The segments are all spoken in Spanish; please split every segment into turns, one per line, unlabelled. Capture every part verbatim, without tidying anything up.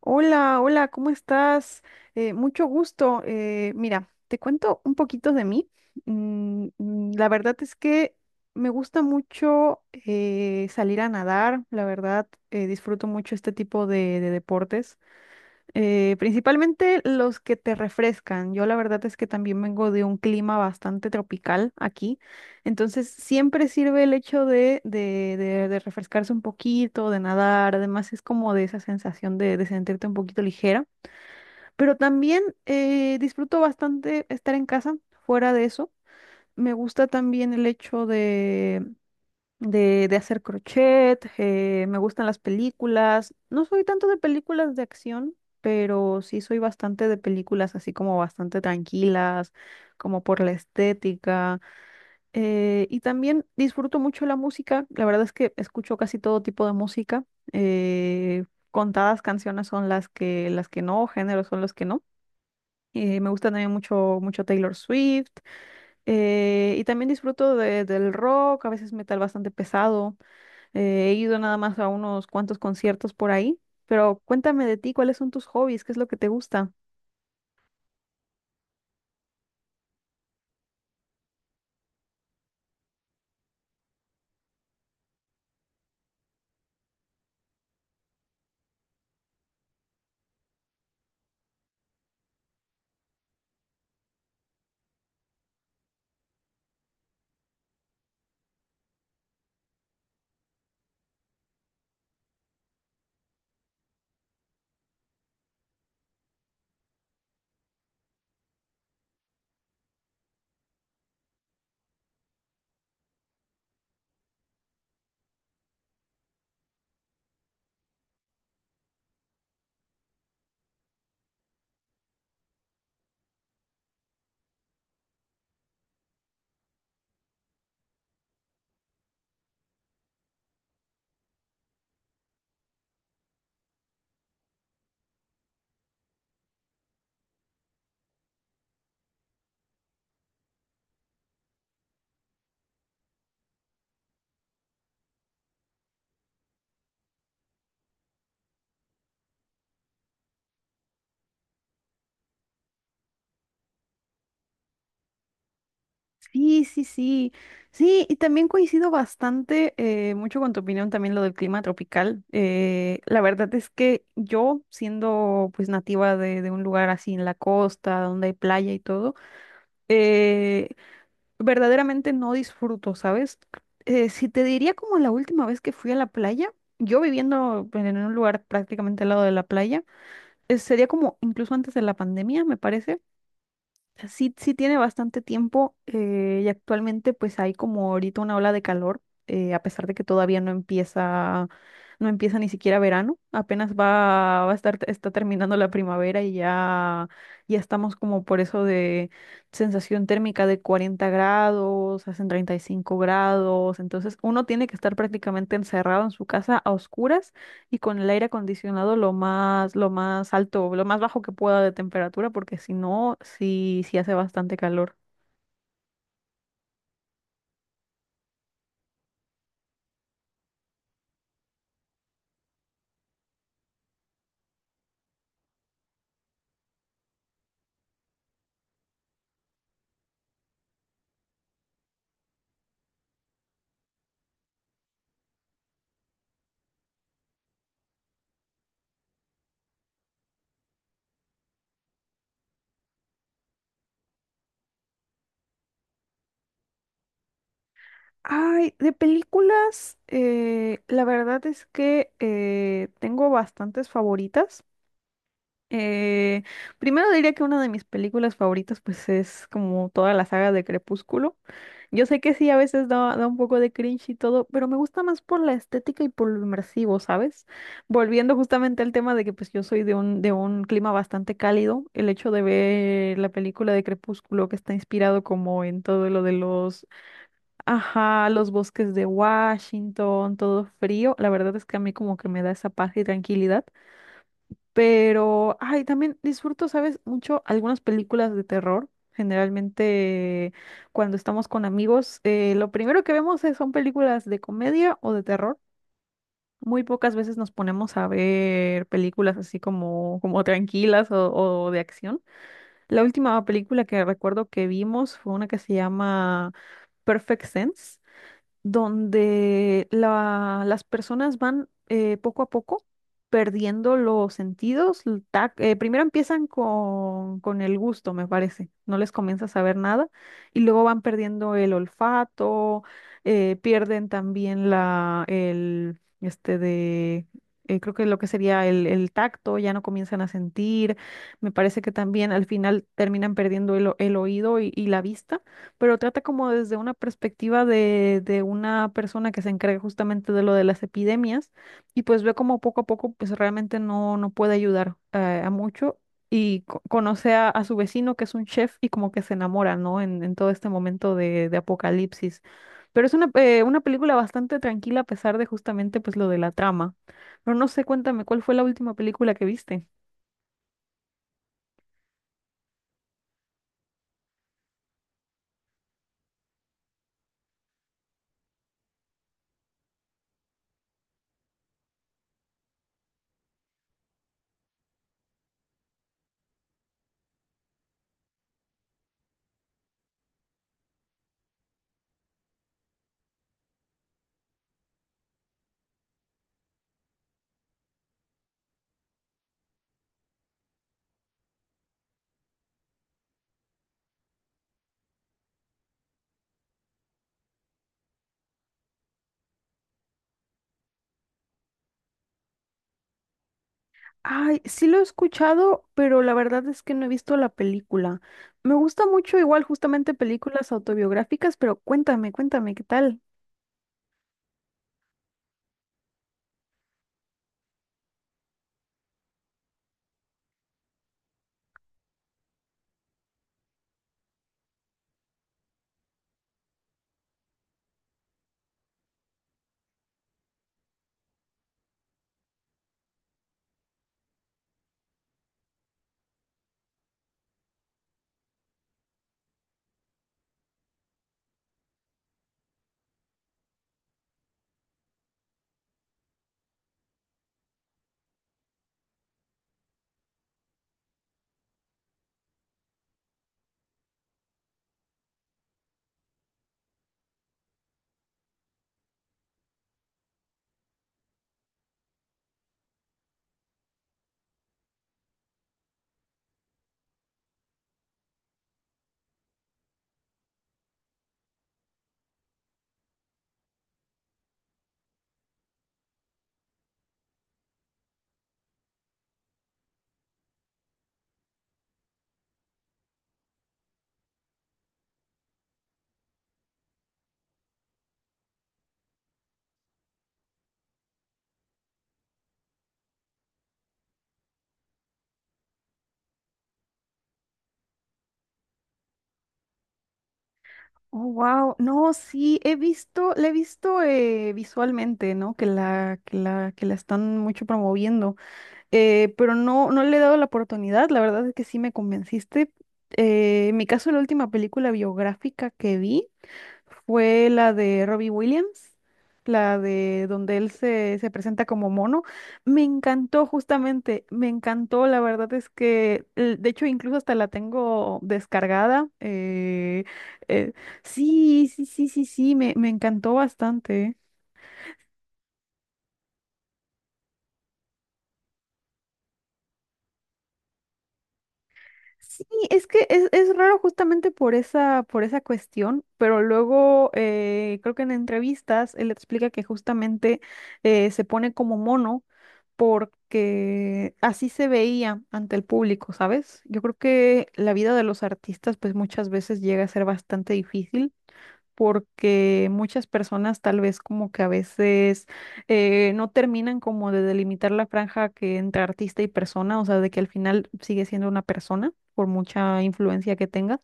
Hola, hola, ¿cómo estás? Eh, mucho gusto. Eh, mira, te cuento un poquito de mí. Mm, mm, la verdad es que me gusta mucho eh, salir a nadar, la verdad, eh, disfruto mucho este tipo de, de deportes. Eh, principalmente los que te refrescan. Yo la verdad es que también vengo de un clima bastante tropical aquí, entonces siempre sirve el hecho de, de, de- de refrescarse un poquito, de nadar, además es como de esa sensación de, de sentirte un poquito ligera, pero también eh, disfruto bastante estar en casa, fuera de eso. Me gusta también el hecho de, de hacer crochet, eh, me gustan las películas. No soy tanto de películas de acción, pero sí soy bastante de películas así como bastante tranquilas, como por la estética. Eh, y también disfruto mucho la música. La verdad es que escucho casi todo tipo de música. eh, Contadas canciones son las que, las que no, géneros son los que no. Eh, me gusta también mucho, mucho Taylor Swift. Eh, y también disfruto de- del rock, a veces metal bastante pesado. Eh, he ido nada más a unos cuantos conciertos por ahí, pero cuéntame de ti, ¿cuáles son tus hobbies? ¿Qué es lo que te gusta? Sí, sí, sí. Sí, y también coincido bastante eh, mucho con tu opinión también lo del clima tropical. Eh, la verdad es que yo, siendo pues nativa de, de un lugar así en la costa, donde hay playa y todo, eh, verdaderamente no disfruto, ¿sabes? Eh, si te diría como la última vez que fui a la playa, yo viviendo pues, en un lugar prácticamente al lado de la playa, eh, sería como incluso antes de la pandemia, me parece. O sea, sí, sí tiene bastante tiempo eh, y actualmente pues hay como ahorita una ola de calor, eh, a pesar de que todavía no empieza, no empieza ni siquiera verano, apenas va, va a estar, está terminando la primavera y ya, ya estamos como por eso de sensación térmica de cuarenta grados, hacen treinta y cinco grados, entonces uno tiene que estar prácticamente encerrado en su casa a oscuras y con el aire acondicionado lo más, lo más alto, lo más bajo que pueda de temperatura, porque si no, sí, sí hace bastante calor. Ay, de películas, eh, la verdad es que eh, tengo bastantes favoritas. Eh, Primero diría que una de mis películas favoritas pues es como toda la saga de Crepúsculo. Yo sé que sí, a veces da, da un poco de cringe y todo, pero me gusta más por la estética y por lo inmersivo, ¿sabes? Volviendo justamente al tema de que pues yo soy de un, de un clima bastante cálido, el hecho de ver la película de Crepúsculo que está inspirado como en todo lo de los, ajá, los bosques de Washington, todo frío, la verdad es que a mí como que me da esa paz y tranquilidad. Pero, ay, también disfruto, ¿sabes? Mucho algunas películas de terror. Generalmente, cuando estamos con amigos, eh, lo primero que vemos es- son películas de comedia o de terror. Muy pocas veces nos ponemos a ver películas así como, como tranquilas o, o de acción. La última película que recuerdo que vimos fue una que se llama Perfect Sense donde la- las personas van eh, poco a poco perdiendo los sentidos. El tac- eh, primero empiezan con, con el gusto, me parece, no les comienza a saber nada, y luego van perdiendo el olfato, eh, pierden también la, el, este de... eh, creo que lo que sería el, el tacto, ya no comienzan a sentir. Me parece que también al final terminan perdiendo el, o- el oído y y la vista, pero trata como desde una perspectiva de, de una persona que se encarga justamente de lo de las epidemias y pues ve como poco a poco pues realmente no, no puede ayudar eh, a mucho y co- conoce a, a su vecino que es un chef y como que se enamora, ¿no? En, en todo este momento de, de apocalipsis. Pero es una, eh, una película bastante tranquila a pesar de justamente pues lo de la trama. Pero no sé, cuéntame, ¿cuál fue la última película que viste? Ay, sí lo he escuchado, pero la verdad es que no he visto la película. Me gusta mucho igual justamente películas autobiográficas, pero cuéntame, cuéntame, ¿qué tal? Oh, wow. No, sí, he visto, la he visto eh, visualmente, ¿no? Que la, que la, que la están mucho promoviendo. Eh, pero no, no le he dado la oportunidad. La verdad es que sí me convenciste. Eh, en mi caso, la última película biográfica que vi fue la de Robbie Williams, la de donde él se, se presenta como mono. Me encantó justamente, me encantó, la verdad es que, eh, de hecho, incluso hasta la tengo descargada. eh, eh, sí, sí, sí, sí, sí, me, me encantó bastante. ¿Eh? Sí, es que es, es raro justamente por esa, por esa cuestión, pero luego eh, creo que en entrevistas él explica que justamente eh, se pone como mono porque así se veía ante el público, ¿sabes? Yo creo que la vida de los artistas pues muchas veces llega a ser bastante difícil porque muchas personas tal vez como que a veces eh, no terminan como de delimitar la franja que entre artista y persona, o sea, de que al final sigue siendo una persona por mucha influencia que tenga.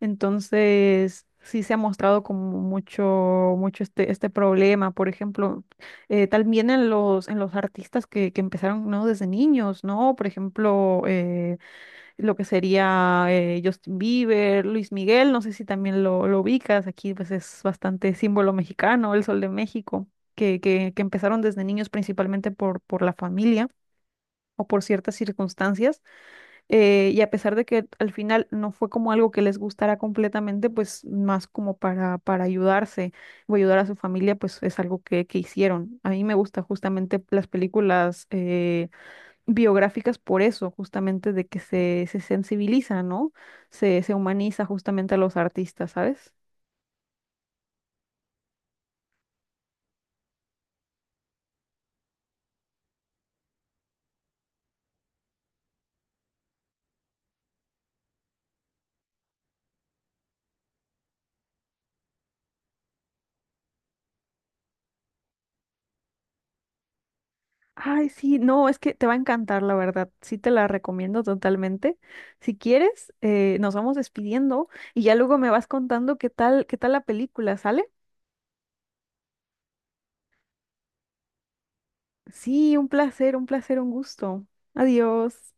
Entonces, sí se ha mostrado como mucho, mucho este, este problema, por ejemplo, eh, también en los, en los artistas que, que empezaron, ¿no? Desde niños, ¿no? Por ejemplo, eh, lo que sería eh, Justin Bieber, Luis Miguel, no sé si también lo, lo ubicas, aquí pues es bastante símbolo mexicano, el Sol de México, que, que, que empezaron desde niños principalmente por, por la familia o por ciertas circunstancias, eh, y a pesar de que al final no fue como algo que les gustara completamente, pues más como para, para ayudarse o ayudar a su familia, pues es algo que, que hicieron. A mí me gusta justamente las películas eh, biográficas por eso, justamente de que se, se sensibiliza, ¿no? Se, se humaniza justamente a los artistas, ¿sabes? Ay, sí, no, es que te va a encantar, la verdad. Sí, te la recomiendo totalmente. Si quieres, eh, nos vamos despidiendo y ya luego me vas contando qué tal, qué tal la película, ¿sale? Sí, un placer, un placer, un gusto. Adiós.